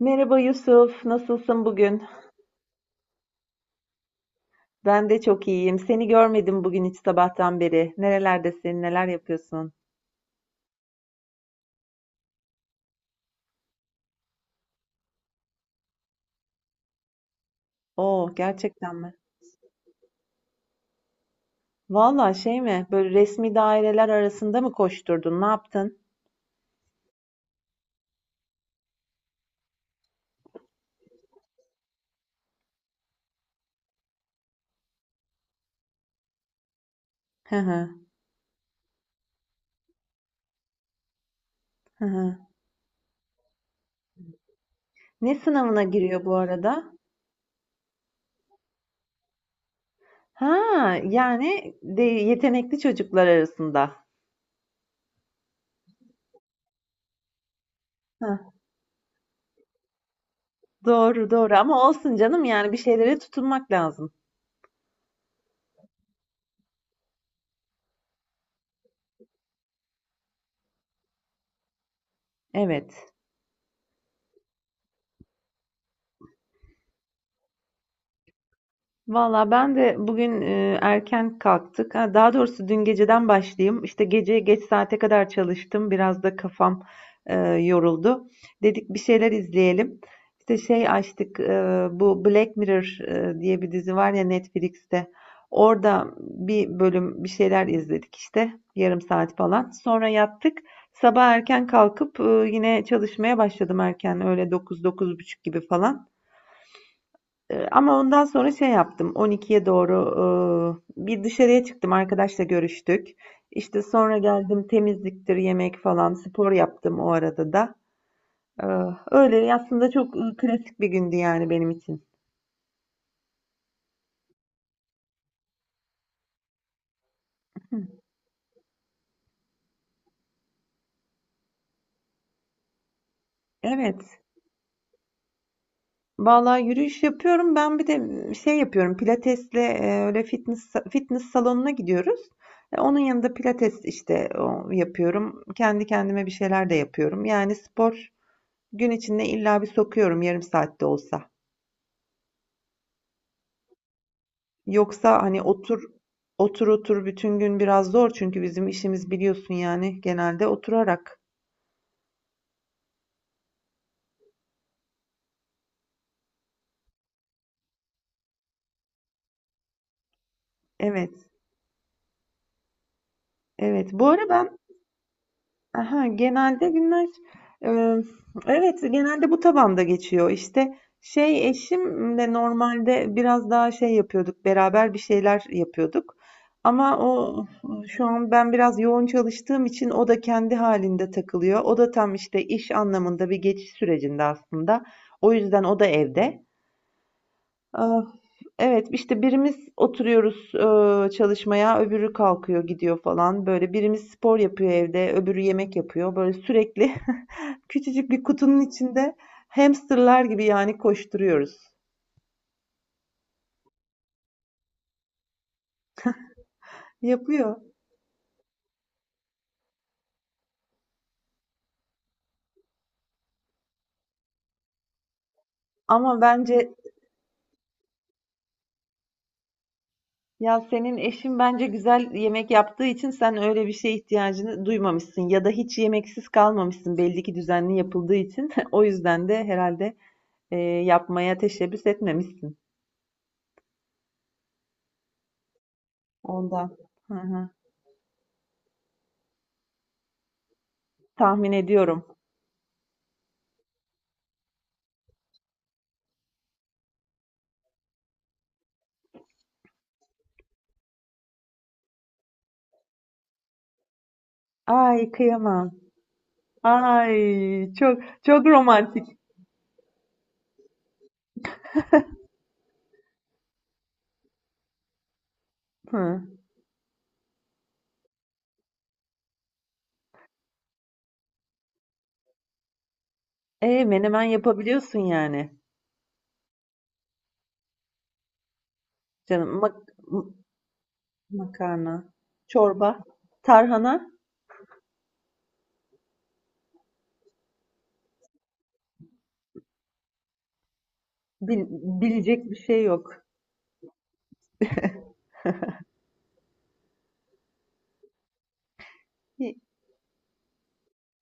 Merhaba Yusuf, nasılsın bugün? Ben de çok iyiyim. Seni görmedim bugün hiç sabahtan beri. Nerelerdesin, neler yapıyorsun? Oo, gerçekten mi? Valla şey mi, böyle resmi daireler arasında mı koşturdun, ne yaptın? Hı hı, hı hı. Ne sınavına giriyor bu arada? Ha, yani de yetenekli çocuklar arasında. Heh, doğru doğru ama olsun canım yani bir şeylere tutunmak lazım. Evet. Valla ben de bugün erken kalktık. Ha, daha doğrusu dün geceden başlayayım. İşte gece geç saate kadar çalıştım. Biraz da kafam yoruldu. Dedik bir şeyler izleyelim. İşte şey açtık. Bu Black Mirror diye bir dizi var ya Netflix'te. Orada bir bölüm bir şeyler izledik işte. Yarım saat falan. Sonra yattık. Sabah erken kalkıp yine çalışmaya başladım erken. Öyle 9 buçuk gibi falan. Ama ondan sonra şey yaptım, 12'ye doğru, bir dışarıya çıktım, arkadaşla görüştük. İşte sonra geldim, temizliktir, yemek falan, spor yaptım o arada da. Eee, Öyle aslında çok klasik bir gündü yani benim için. Evet, vallahi yürüyüş yapıyorum, ben bir de şey yapıyorum, pilatesle öyle fitness salonuna gidiyoruz. Onun yanında pilates işte yapıyorum. Kendi kendime bir şeyler de yapıyorum. Yani spor gün içinde illa bir sokuyorum yarım saatte olsa. Yoksa hani otur bütün gün biraz zor çünkü bizim işimiz biliyorsun yani genelde oturarak. Evet, evet. Bu ara ben aha, genelde günler e, evet genelde bu tabanda geçiyor. İşte şey eşimle normalde biraz daha şey yapıyorduk beraber bir şeyler yapıyorduk. Ama o şu an ben biraz yoğun çalıştığım için o da kendi halinde takılıyor. O da tam işte iş anlamında bir geçiş sürecinde aslında. O yüzden o da evde. Ah, evet işte birimiz oturuyoruz çalışmaya öbürü kalkıyor gidiyor falan böyle birimiz spor yapıyor evde öbürü yemek yapıyor böyle sürekli küçücük bir kutunun içinde hamsterlar gibi yani koşturuyoruz. Yapıyor ama bence ya senin eşin bence güzel yemek yaptığı için sen öyle bir şeye ihtiyacını duymamışsın ya da hiç yemeksiz kalmamışsın belli ki düzenli yapıldığı için o yüzden de herhalde eee, yapmaya teşebbüs etmemişsin ondan. Hı hı. Tahmin ediyorum. Ay kıyamam. Ay çok çok romantik. Hı. E menemen yapabiliyorsun yani. Canım makarna, çorba, tarhana bil- bilecek bir şey yok.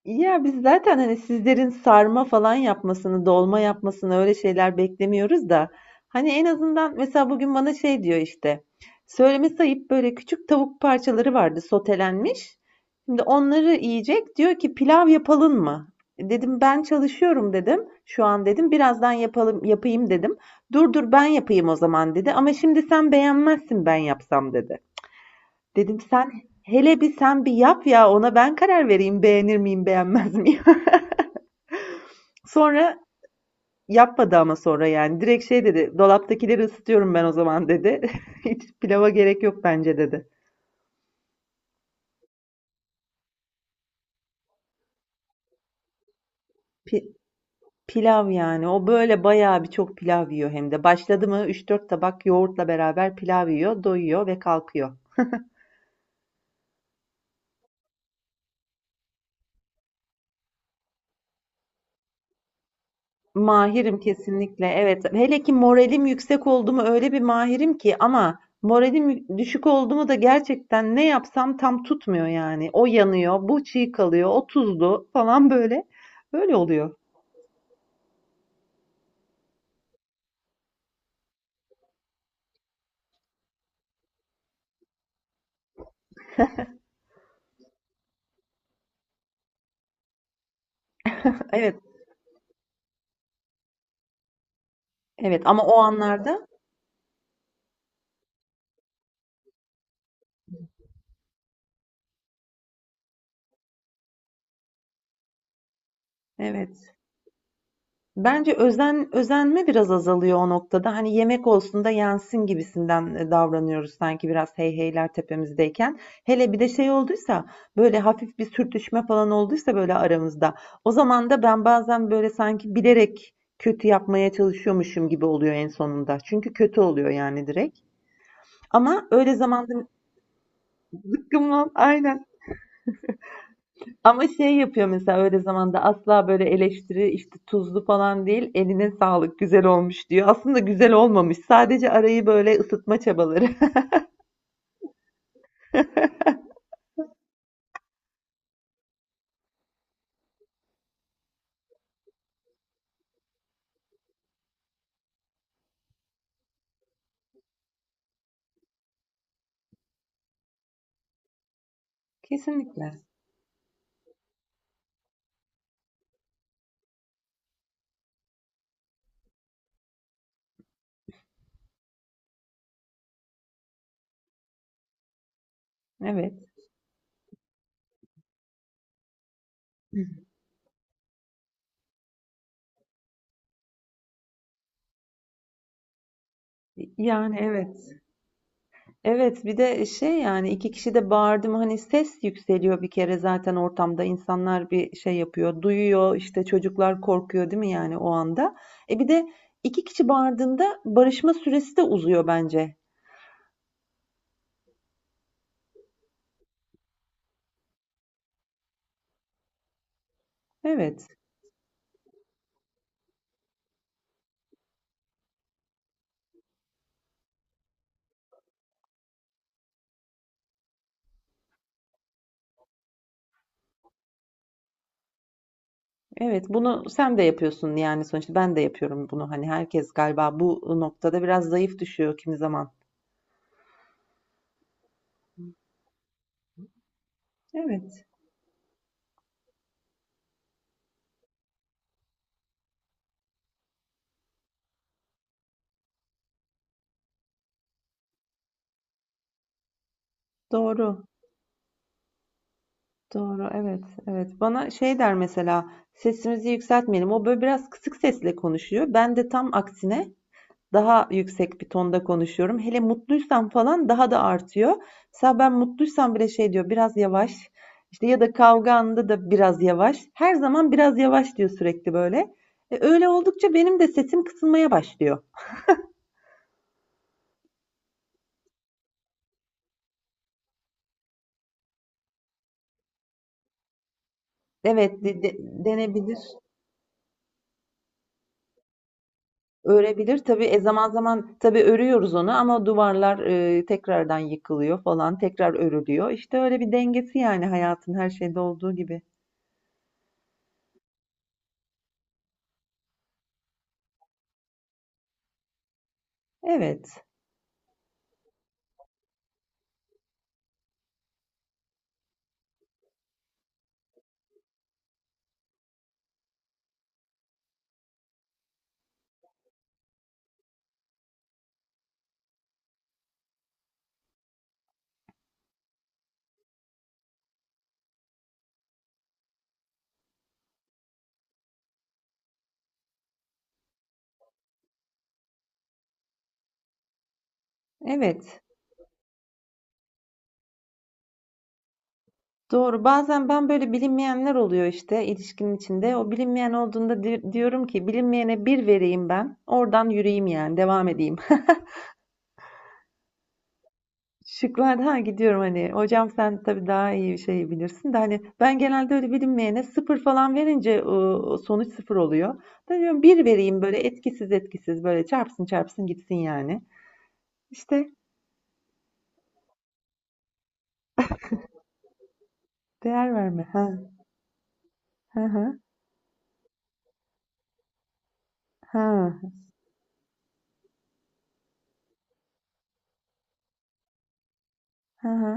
Ya biz zaten hani sizlerin sarma falan yapmasını, dolma yapmasını öyle şeyler beklemiyoruz da hani en azından mesela bugün bana şey diyor işte söylemesi ayıp böyle küçük tavuk parçaları vardı sotelenmiş. Şimdi onları yiyecek diyor ki pilav yapalım mı? Dedim ben çalışıyorum dedim. Şu an dedim birazdan yapalım yapayım dedim. Dur dur ben yapayım o zaman dedi. Ama şimdi sen beğenmezsin ben yapsam dedi. Dedim sen hele bir sen bir yap ya ona ben karar vereyim beğenir miyim beğenmez miyim. Sonra yapmadı ama sonra yani direkt şey dedi dolaptakileri ısıtıyorum ben o zaman dedi. Hiç pilava gerek yok bence dedi. Pi- Pilav yani o böyle bayağı bir çok pilav yiyor hem de. Başladı mı üç dört tabak yoğurtla beraber pilav yiyor, doyuyor ve kalkıyor. Mahirim kesinlikle. Evet. Hele ki moralim yüksek oldu mu öyle bir mahirim ki ama moralim düşük oldu mu da gerçekten ne yapsam tam tutmuyor yani. O yanıyor, bu çiğ kalıyor, o tuzlu falan böyle. Böyle oluyor. Evet. Evet ama o anlarda evet. Bence özenme biraz azalıyor o noktada. Hani yemek olsun da yensin gibisinden davranıyoruz sanki biraz hey heyler tepemizdeyken. Hele bir de şey olduysa böyle hafif bir sürtüşme falan olduysa böyle aramızda. O zaman da ben bazen böyle sanki bilerek kötü yapmaya çalışıyormuşum gibi oluyor en sonunda. Çünkü kötü oluyor yani direkt. Ama öyle zamanda zıkkımlan aynen. Ama şey yapıyor mesela öyle zamanda asla böyle eleştiri işte tuzlu falan değil eline sağlık güzel olmuş diyor. Aslında güzel olmamış sadece arayı böyle ısıtma çabaları. Kesinlikle. Evet. Yani evet. Evet bir de şey yani iki kişi de bağırdım hani ses yükseliyor bir kere zaten ortamda insanlar bir şey yapıyor duyuyor işte çocuklar korkuyor değil mi yani o anda. E bir de iki kişi bağırdığında barışma süresi de uzuyor bence. Evet. Evet, bunu sen de yapıyorsun yani sonuçta ben de yapıyorum bunu. Hani herkes galiba bu noktada biraz zayıf düşüyor kimi zaman. Evet, doğru, doğru, evet, evet. Bana şey der mesela sesimizi yükseltmeyelim. O böyle biraz kısık sesle konuşuyor. Ben de tam aksine daha yüksek bir tonda konuşuyorum. Hele mutluysam falan daha da artıyor. Mesela ben mutluysam bile şey diyor biraz yavaş. İşte ya da kavga anında da biraz yavaş. Her zaman biraz yavaş diyor sürekli böyle. Öyle oldukça benim de sesim kısılmaya başlıyor. Evet, denebilir, örebilir. Tabii zaman zaman tabii örüyoruz onu ama duvarlar tekrardan yıkılıyor falan, tekrar örülüyor. İşte öyle bir dengesi yani hayatın her şeyde olduğu gibi. Evet, evet. Doğru. Bazen ben böyle bilinmeyenler oluyor işte ilişkinin içinde. O bilinmeyen olduğunda diyorum ki bilinmeyene bir vereyim ben. Oradan yürüyeyim yani devam edeyim. Şıklarda ha gidiyorum hani hocam sen tabii daha iyi bir şey bilirsin de hani ben genelde öyle bilinmeyene sıfır falan verince sonuç sıfır oluyor. Da diyorum bir vereyim böyle etkisiz etkisiz böyle çarpsın çarpsın gitsin yani. İşte değer verme. Ha ha ha ha ha ha.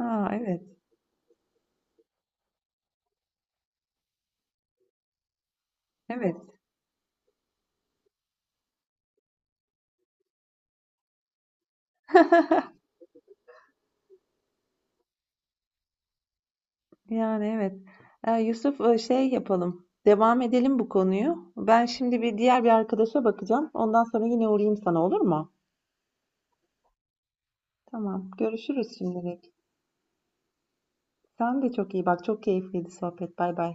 Aa, evet. Evet. Yani evet. Yusuf, şey yapalım. Devam edelim bu konuyu. Ben şimdi bir diğer bir arkadaşa bakacağım. Ondan sonra yine uğrayayım sana olur mu? Tamam. Görüşürüz şimdilik. Sen de çok iyi bak. Çok keyifliydi sohbet. Bay bay.